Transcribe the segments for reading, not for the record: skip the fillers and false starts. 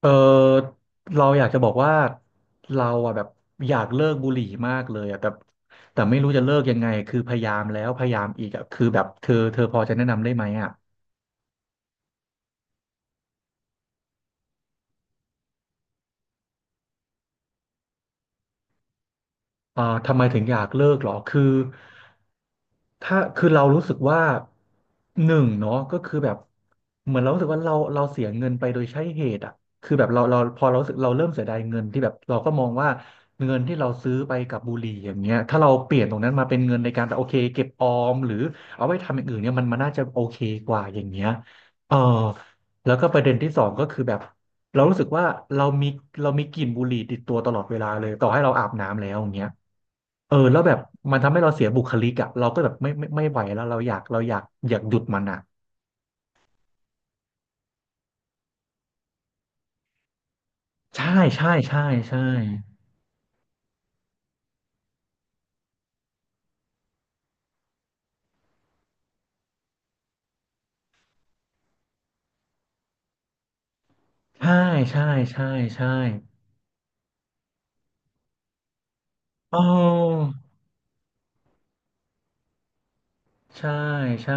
เออเราอยากจะบอกว่าเราอะแบบอยากเลิกบุหรี่มากเลยอะแต่ไม่รู้จะเลิกยังไงคือพยายามแล้วพยายามอีกอะคือแบบเธอพอจะแนะนำได้ไหมอะเออทำไมถึงอยากเลิกเหรอคือ ถ้าคือเรารู้สึกว่าหนึ่งเนาะก็คือแบบเหมือนเรารู้สึกว่าเราเสียเงินไปโดยใช่เหตุอ่ะคือแบบเราพอเรารู้สึกเราเริ่มเสียดายเงินที่แบบเราก็มองว่าเงินที่เราซื้อไปกับบุหรี่อย่างเงี้ยถ้าเราเปลี่ยนตรงนั้นมาเป็นเงินในการแบบโอเคเก็บออมหรือเอาไว้ทำอย่างอื่นเนี่ยมันน่าจะโอเคกว่าอย่างเงี้ยเออแล้วก็ประเด็นที่สองก็คือแบบเรารู้สึกว่าเรามีเรามีกลิ่นบุหรี่ติดตัวตลอดเวลาเลยต่อให้เราอาบน้ำแล้วอย่างเงี้ย เออแล้วแบบมันทำให้เราเสียบุคลิกอ่ะเราก็แบบไม่ไหวแล้วเราอยากเราอยากอยากหยุดมันอ่ะใช่ใช่ใช่ใช่ใช่ใช่ใช่ใช่โอ้ใช่ใช่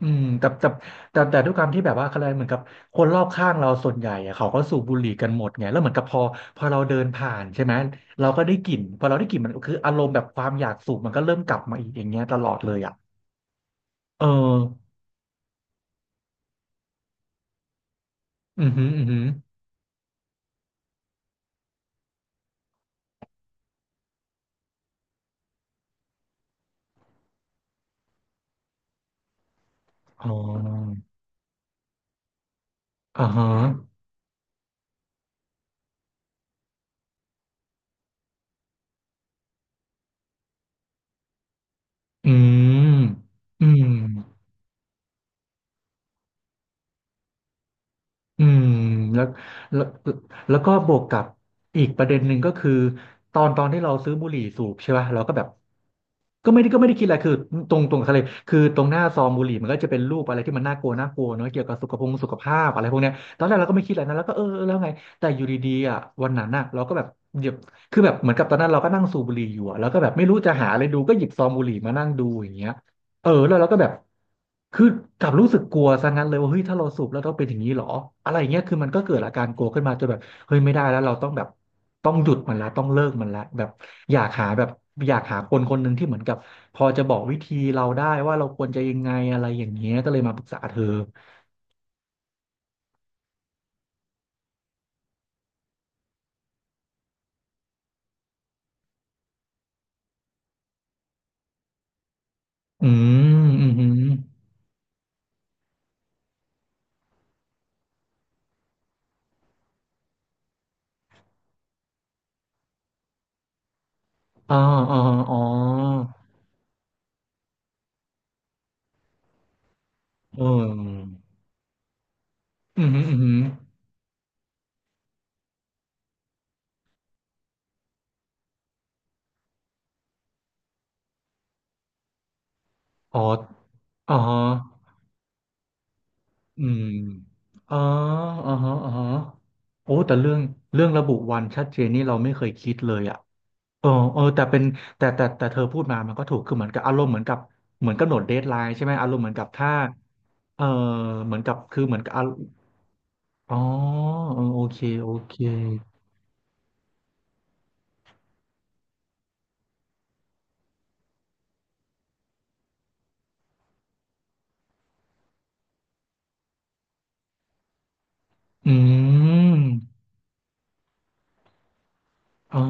อืมแต่ด้วยความที่แบบว่าอะไรเหมือนกับคนรอบข้างเราส่วนใหญ่อะเขาก็สูบบุหรี่กันหมดไงแล้วเหมือนกับพอเราเดินผ่านใช่ไหมเราก็ได้กลิ่นพอเราได้กลิ่นมันคืออารมณ์แบบความอยากสูบมันก็เริ่มกลับมาอีกอย่างเงี้ยตลอดเลยอ่ะเอออือหืออือหืออ๋ออ่าฮะ อืมอืมอืมแล้วแล้วก็บวกกับอีกประเด็นหนึ่งก็คือตอนที่เราซื้อบุหรี่สูบใช่ป่ะเราก็แบบก็ไม่ได้คิดอะไรคือตรงทะเลคือตรงหน้าซองบุหรี่มันก็จะเป็นรูปอะไรที่มันน่ากลัวน่ากลัวเนอะเกี่ยวกับสุขภาพสุขภาพอะไรพวกเนี้ยตอนแรกเราก็ไม่คิดอะไรนะแล้วก็เออแล้วไงแต่อยู่ดีๆอ่ะวันนั้นน่ะเราก็แบบหยิบคือแบบเหมือนกับตอนนั้นเราก็นั่งสูบบุหรี่อยู่อะแล้วก็แบบไม่รู้จะหาอะไรดูก็หยิบซองบุหรี่มานั่งดูอย่างเงี้ย เออแล้วเราก็แบบคือกลับรู้สึกกลัวซะงั้นเลยว่าเฮ้ยถ้าเราสูบแล้วต้องเป็นอย่างนี้เหรออะไรเงี้ยคือมันก็เกิดอาการกลัวขึ้นมาจนแบบเฮ้ยไม่ได้แล้วเราต้องแบบต้องหยุดมันละต้องเลิกมันละแบบอยากหาแบบอยากหาคนคนหนึ่งที่เหมือนกับพอจะบอกวิธีเราได้ว่าเราควรจะยังไงอะไรอย่างเงี้ยก็เลยมาปรึกษาเธออืมอืมอหืมอ๋ออ๋ออ๋อเอออืมอหืมออือหืออ๋ออ๋อ อืมอ๋ออ๋อฮะอ๋อฮะโอ้แต่เรื่องเรื่องระบุวันชัดเจนนี่เราไม่เคยคิดเลยอ่ะเออเออแต่เป็นแต่เธอพูดมามันก็ถูกคือเหมือนกับอารมณ์เหมือนกับเหมือนกำหนดเดดไลน์ใช่ไหมอารมณ์เหมือนกับถ้าเออเหมือนกับคือเหมือนกับอาอ๋อเออโอเคโอเคอืมอ๋อ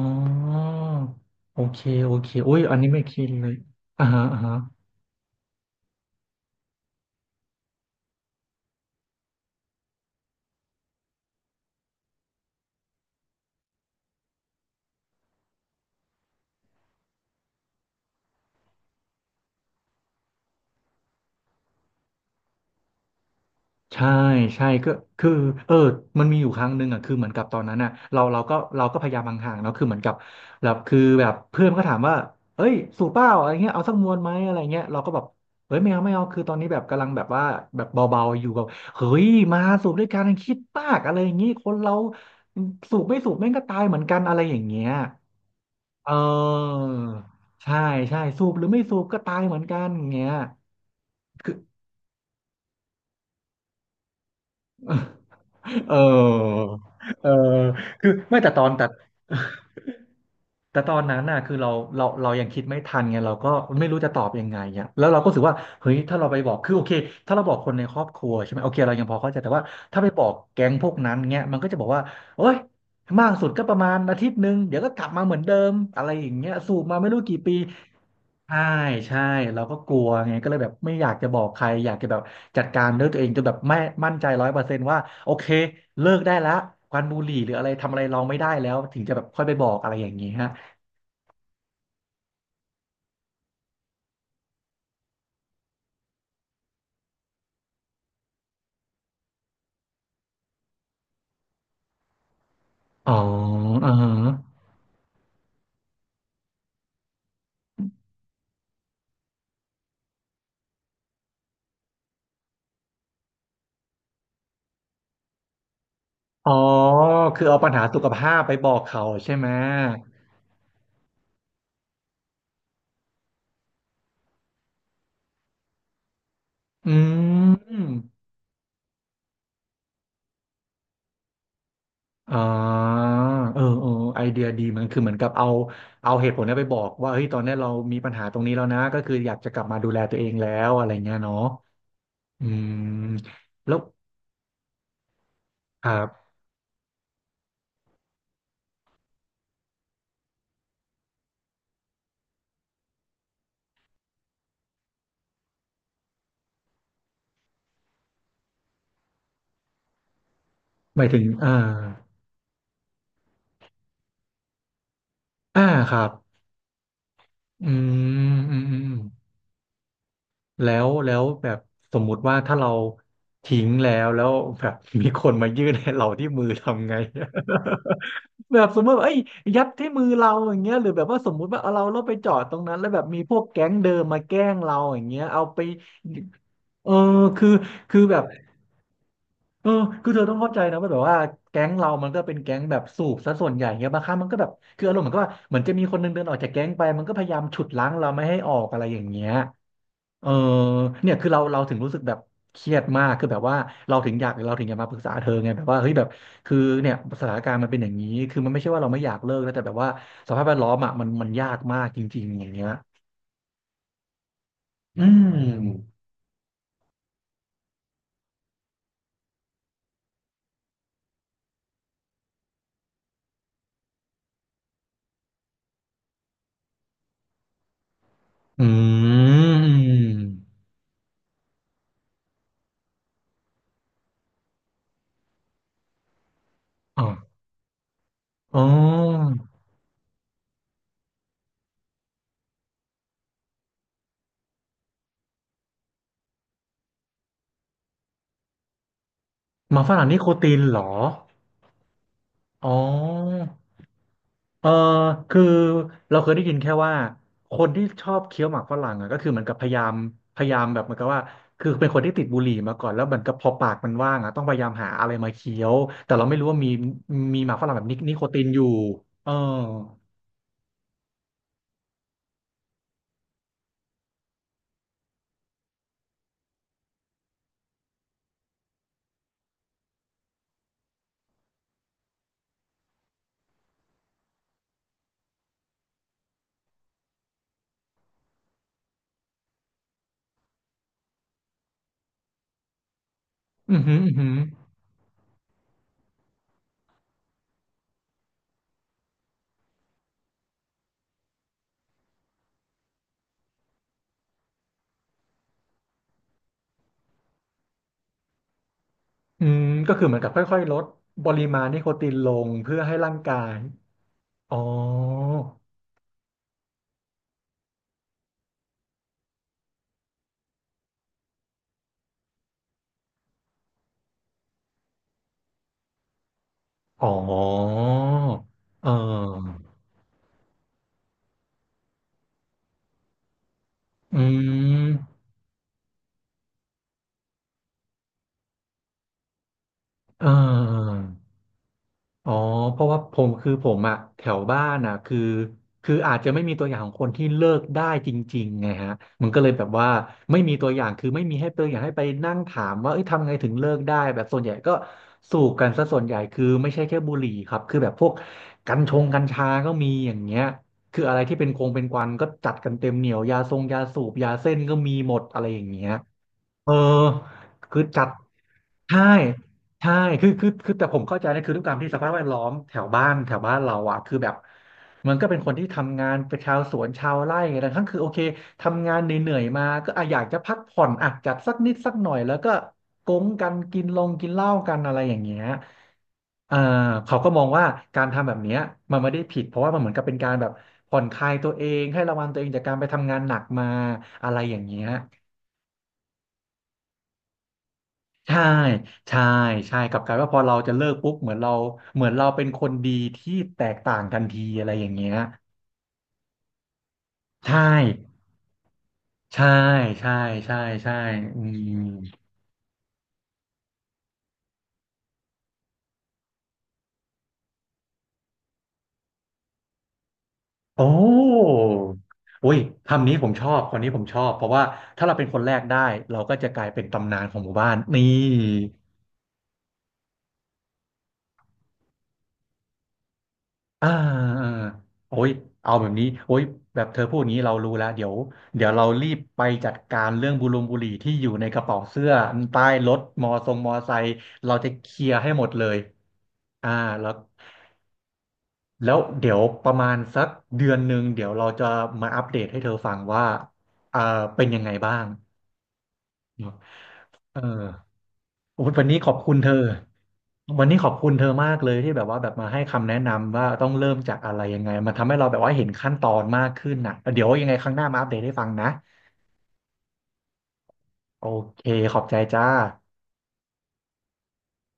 โอเคโอเคโอ้ยอันนี้ไม่คิดเลยอ่าฮะอ่าฮะ ใช่ใช่ก็คือเออมันมีอยู่ครั้งหนึ่งอ่ะคือเหมือนกับตอนนั้นอ่ะเราก็พยายามห่างๆเนาะคือเหมือนกับแบบคือแบบเพื่อนก็ถามว่าเอ้ยสูบเปล่าอะไรเงี้ยเอาสักมวนไหมอะไรเงี้ยเราก็แบบเอ้ยไม่เอาไม่เอาคือตอนนี้แบบกำลังแบบว่าแบบเบาๆอยู่แบบเฮ้ยมาสูบด้วยกันคิดมากอะไรอย่างงี้คนเราสูบไม่สูบแม่งก็ตายเหมือนกันอะไรอย่างเงี้ยเออใช่ใช่สูบหรือไม่สูบก็ตายเหมือนกันอย่างเงี้ย เออเออคือไม่แต่ตอนแต่ แต่ตอนนั้นน่ะคือเราเรายังคิดไม่ทันไงเราก็ไม่รู้จะตอบยังไงอ่ะแล้วเราก็รู้สึกว่าเฮ้ยถ้าเราไปบอกคือโอเคถ้าเราบอกคนในครอบครัวใช่ไหมโอเคเรายังพอเข้าใจแต่ว่าถ้าไปบอกแก๊งพวกนั้นเงี้ยมันก็จะบอกว่าโอ๊ยมากสุดก็ประมาณอาทิตย์หนึ่งเดี๋ยวก็กลับมาเหมือนเดิมอะไรอย่างเงี้ยสูบมาไม่รู้กี่ปี ใช่ใช่เราก็กลัวไงก็เลยแบบไม่อยากจะบอกใครอยากจะแบบจัดการด้วยตัวเองจนแบบไม่มั่นใจร้อยเปอร์เซนต์ว่าโอเคเลิกได้แล้วควันบุหรี่หรืออะไรทำอะไรเราไม่ได้แล้วถึงจะแบบค่อยไปบอกอะไรอย่างนี้ฮะอ๋ออ่าฮะอ๋อคือเอาปัญหาสุขภาพไปบอกเขาใช่ไหมอืมอ่าเออเออไอเดียดีเหมันคือเหมือนกับเอาเหตุผลเนี้ยไปบอกว่าเฮ้ยตอนเนี้ยเรามีปัญหาตรงนี้แล้วนะก็คืออยากจะกลับมาดูแลตัวเองแล้วอะไรเงี้ยเนาะ อืมแล้วครับหมายถึงอ่าอ่าครับอืมอืมอืมแล้วแบบสมมุติว่าถ้าเราทิ้งแล้วแบบมีคนมายื่นให้เราที่มือทำไง แบบสมมติว่าเอ้ยยัดที่มือเราอย่างเงี้ยหรือแบบว่าสมมุติว่าเอาเราไปจอดตรงนั้นแล้วแบบมีพวกแก๊งเดิมมาแกล้งเราอย่างเงี้ยเอาไปเออคือคือแบบ เออคือเธอต้องเข้าใจนะว่าแบบว่าแก๊งเรามันก็เป็นแก๊งแบบสูบซะส่วนใหญ่เงี้ยบางครั้งมันก็แบบคืออารมณ์เหมือนกับว่าเหมือนจะมีคนหนึงเดินออกจากแก๊งไปมันก็พยายามฉุดรั้งเราไม่ให้ออกอะไรอย่างเงี้ยเออเนี่ยคือเราถึงรู้สึกแบบเครียดมากคือแบบว่าเราถึงอยากเราถึงอยากมาปรึกษาเธอไงแบบว่าเฮ้ยแบบคือเนี่ยสถานการณ์มันเป็นอย่างนี้คือมันไม่ใช่ว่าเราไม่อยากเลิกนะแต่แบบว่าสภาพแวดล้อมอ่ะมันยากมากจริงๆอย่างเงี้ยอืมอืมอ๋ออ๋อหมาฝรั่งนี่โคตีนเหรอ อ๋อเออคือเราเคยได้ยินแค่ว่าคนที่ชอบเคี้ยวหมากฝรั่งอะก็คือเหมือนกับพยายามพยายามแบบเหมือนกับว่าคือเป็นคนที่ติดบุหรี่มาก่อนแล้วเหมือนกับพอปากมันว่างอะต้องพยายามหาอะไรมาเคี้ยวแต่เราไม่รู้ว่ามีหมากฝรั่งแบบนิโคตินอยู่เอออือหืออือหืออืมก็คือเหมือนกับค่อยๆลดปริมาณนิโคตินลงเพื่อให้ร่างกายอ๋ออ๋อเอออืมเออ อ๋อเพราะว่าผมคือผมอะแถวบ้านอะคืออาจจะไม่มีตัวอย่างของคนที่เลิกได้จริงๆไงฮะมันก็เลยแบบว่าไม่มีตัวอย่างคือไม่มีให้ตัวอย่างให้ไปนั่งถามว่าเอ้ยทำไงถึงเลิกได้แบบส่วนใหญ่ก็สูบกันซะส่วนใหญ่คือไม่ใช่แค่บุหรี่ครับคือแบบพวกกัญชงกัญชาก็มีอย่างเงี้ยคืออะไรที่เป็นคงเป็นควันก็จัดกันเต็มเหนียวยาทรงยาสูบยาเส้นก็มีหมดอะไรอย่างเงี้ย เออคือจัดใช่ใช่คือแต่ผมเข้าใจนะคือด้วยความที่สภาพแวดล้อมแถวบ้านแถวบ้านเราอ่ะคือแบบมันก็เป็นคนที่ทำงานเป็นชาวสวนชาวไร่อะไรทั้งคือโอเคทำงานเหนื่อยๆมาก็อ่ะอยากจะพักผ่อนอ่ะจัดสักนิดสักหน่อยแล้วก็โก๊งกันกินลงกินเหล้ากันอะไรอย่างเงี้ยเออเขาก็มองว่าการทำแบบเนี้ยมันไม่ได้ผิดเพราะว่ามันเหมือนกับเป็นการแบบผ่อนคลายตัวเองให้ระวังตัวเองจากการไปทำงานหนักมาอะไรอย่างเงี้ย ใช่ใช่ใช่กลับกลายว่าพอเราจะเลิกปุ๊บเหมือนเราเป็นคนดีที่แตกต่างทันทีอะไรอย่างเงี้ยใช่ใช่ใช่ใช่ใช่อืมโอ้อุ้ยคำนี้ผมชอบคนนี้ผมชอบ เพราะว่าถ้าเราเป็นคนแรกได้เราก็จะกลายเป็นตำนานของหมู่บ้านนี่ อ่าอ่าโอ้ยเอาแบบนี้โอ้ยแบบเธอพูดอย่างนี้เรารู้แล้วเดี๋ยวเรารีบไปจัดการเรื่องบุรงบุหรี่ที่อยู่ในกระเป๋าเสื้อใต้รถมอไซค์เราจะเคลียร์ให้หมดเลยอ่าแล้วแล้วเดี๋ยวประมาณสักเดือนหนึ่งเดี๋ยวเราจะมาอัปเดตให้เธอฟังว่าเอ่อเป็นยังไงบ้างเนอะเออ โอ้ยวันนี้ขอบคุณเธอ วันนี้ขอบคุณเธอมากเลยที่แบบว่าแบบมาให้คำแนะนำว่าต้องเริ่มจากอะไรยังไงมันทำให้เราแบบว่าเห็นขั้นตอนมากขึ้นน่ะเดี๋ยวยังไงครั้งหน้ามาอัปเดตให้ฟังนะโอเคขอบใจจ้า